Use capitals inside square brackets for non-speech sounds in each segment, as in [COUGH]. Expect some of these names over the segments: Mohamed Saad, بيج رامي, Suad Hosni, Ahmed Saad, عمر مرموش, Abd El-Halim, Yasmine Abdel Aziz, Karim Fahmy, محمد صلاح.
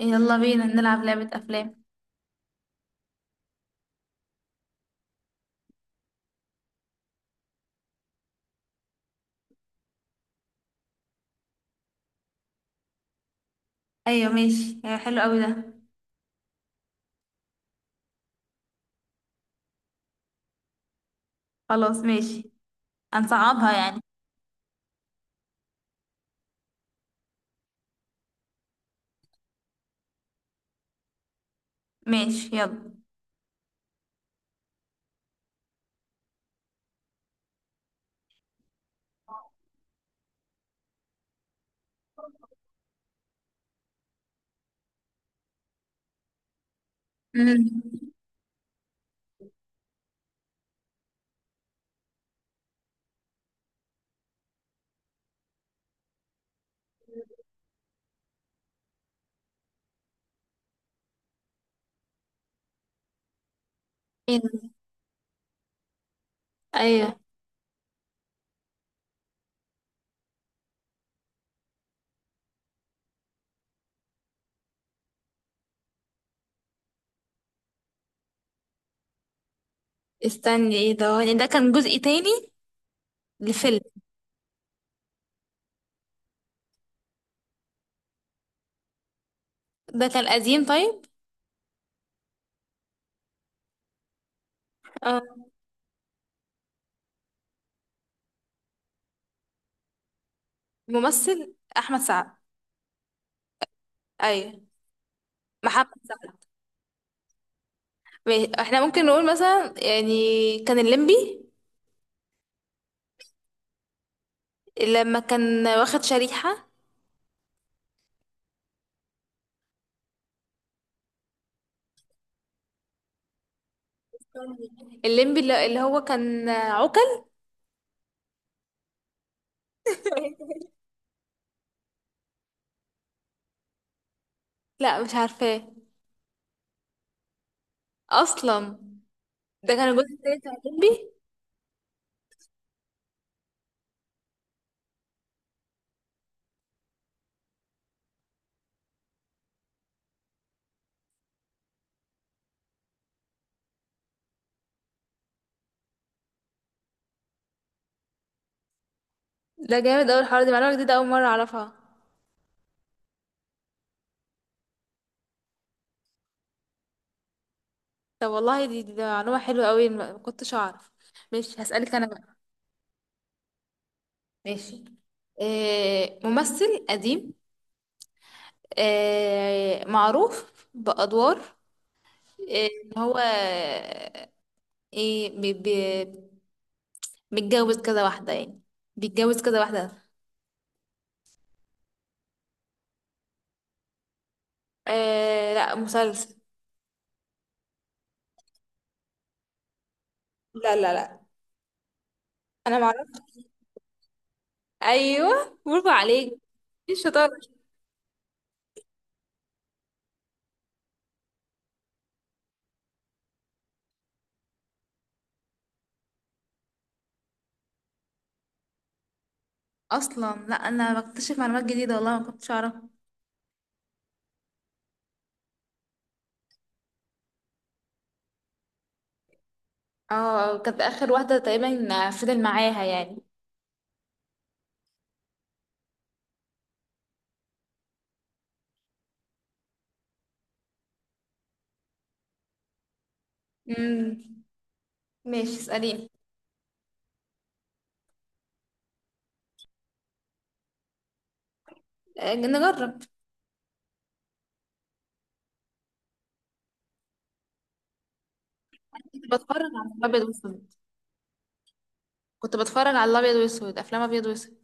يلا بينا نلعب لعبة أفلام. أيوة ماشي، أيوة حلو أوي ده. خلاص ماشي. هنصعبها يعني. ماشي يلا. امم ايه ده؟ ايوه. استني ايه ده، ده كان جزء تاني لفيلم؟ ده كان قديم طيب؟ اه، ممثل احمد سعد. ايوه، محمد سعد. ماشي. احنا ممكن نقول مثلا يعني كان الليمبي لما كان واخد شريحة. الليمبي اللي هو كان عوكل. [LAUGHS] لا مش عارفاه اصلا. ده كان الجزء التالت بتاع الليمبي. ده جامد اوي الحوار، دي معلومة جديدة أول مرة أعرفها. طب والله دي، دي معلومة حلوة أوي، ما كنتش أعرف. ماشي هسألك أنا بقى. ماشي. آه، ممثل قديم. آه، معروف بأدوار. آه، إن هو آه، إيه بي بي، متجوز كذا واحدة يعني، بيتجوز كذا واحدة. آه لا، مسلسل. لا لا لا. أنا معرفش. أيوه برافو عليك. ايه الشطارة. اصلا لا، انا بكتشف معلومات جديده والله ما كنتش اعرفها. اه كانت اخر واحدة تقريبا فضل معاها يعني. امم ماشي اساليني. آه، نجرب. كنت بتفرج على الابيض واسود. كنت بتفرج على الابيض واسود، افلام ابيض واسود.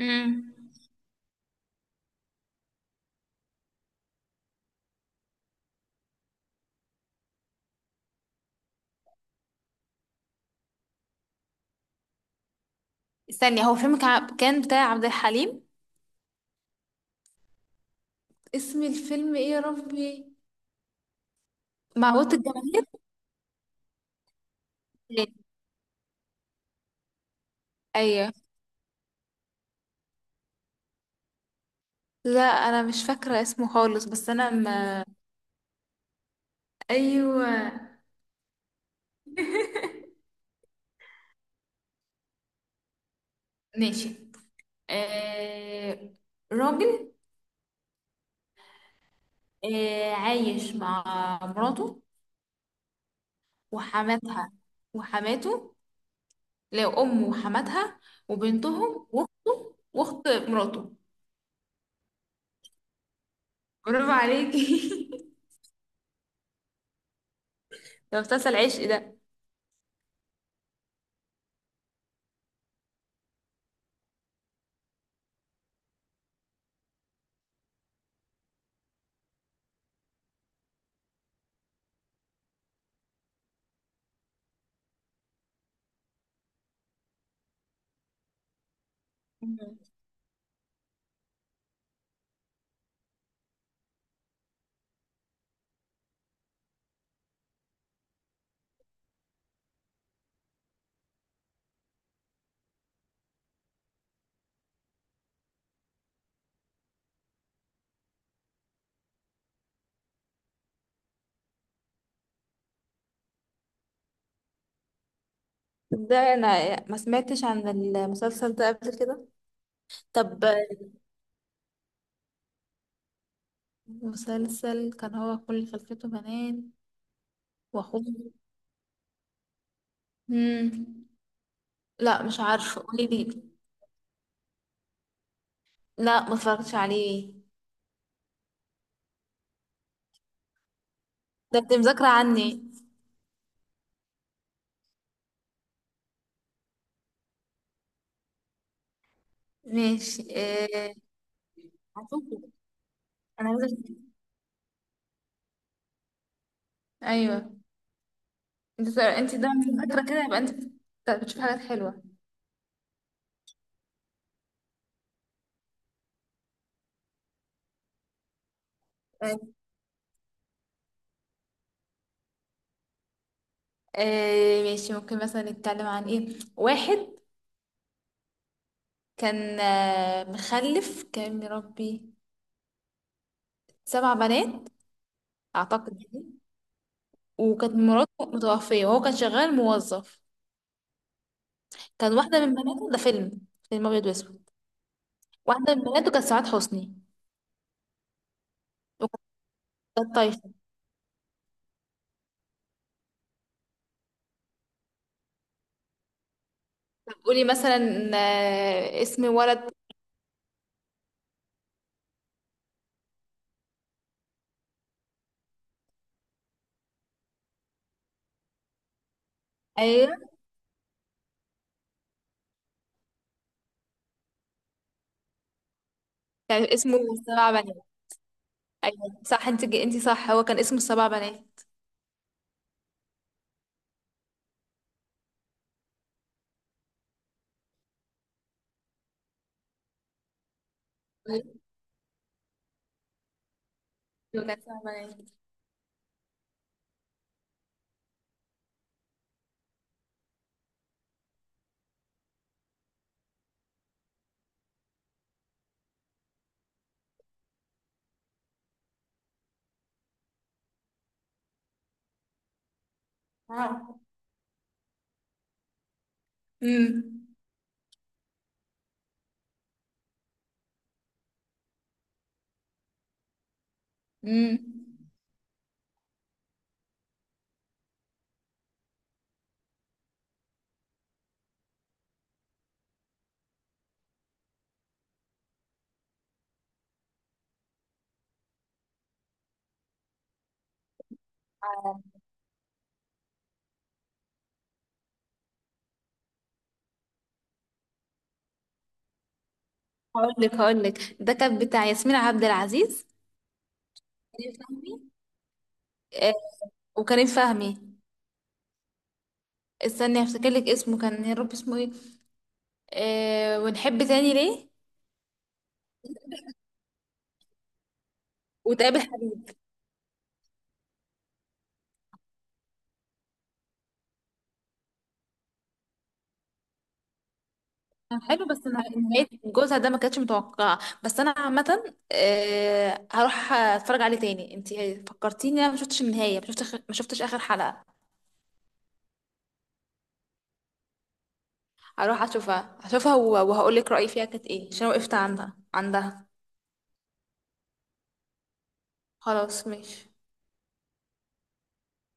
امم استني، هو فيلم كان بتاع عبد الحليم؟ اسم الفيلم ايه يا ربي؟ معوضة الجماهير. ايوه. لا انا مش فاكرة اسمه خالص، بس انا ما. ايوه. [LAUGHS] ماشي. آه... راجل، آه، عايش مع مراته وحماتها. وحماته. لا، أمه وحماتها وبنتهم وأخته وأخت مراته. برافو عليكي. [LAUGHS] ده مسلسل عشق ده. مم. ده انا ما سمعتش عن المسلسل ده قبل كده. طب مسلسل كان هو كل خلفته بنات واخوه. مم. لا مش عارفه، قولي لي. لا ما اتفرجتش عليه. ده انت مذاكره عني. ماشي آه، هشوفه. انا عايزه أشوف- ايوه. انت ده فاكره كده، يبقى انت بتشوف حاجات حلوه. طيب. آه ماشي، ممكن مثلا نتكلم عن ايه، واحد كان آه مخلف، كان مربي سبع بنات اعتقد يعني. وكانت مراته متوفيه وهو كان شغال موظف. كان واحده من بناته، ده فيلم، فيلم ابيض واسود. واحده من بناته كانت سعاد حسني، وكانت طايشه. طب قولي مثلا آه اسم ولد. ايوه كان اسمه سبع بنات. ايوه صح، انت انت صح، هو كان اسمه السبع بنات. ايوه كان سبع بنات. اه. امم امم. هقول لك، هقول لك ده كان بتاع ياسمين عبد العزيز، كريم فهمي. آه، وكريم فهمي. استني هفتكر لك اسمه، كان يا رب اسمه ايه؟ آه، ونحب تاني ليه. وتقابل حبيب. كان حلو، نهاية جوزها ده ما كانتش متوقعة. بس انا عامة آه هروح اتفرج عليه تاني. انت فكرتيني، انا ما شفتش النهاية، ما شفتش اخر حلقة. هروح اشوفها اشوفها، وهقول لك رأيي فيها كانت ايه، عشان وقفت عندها عندها. خلاص ماشي.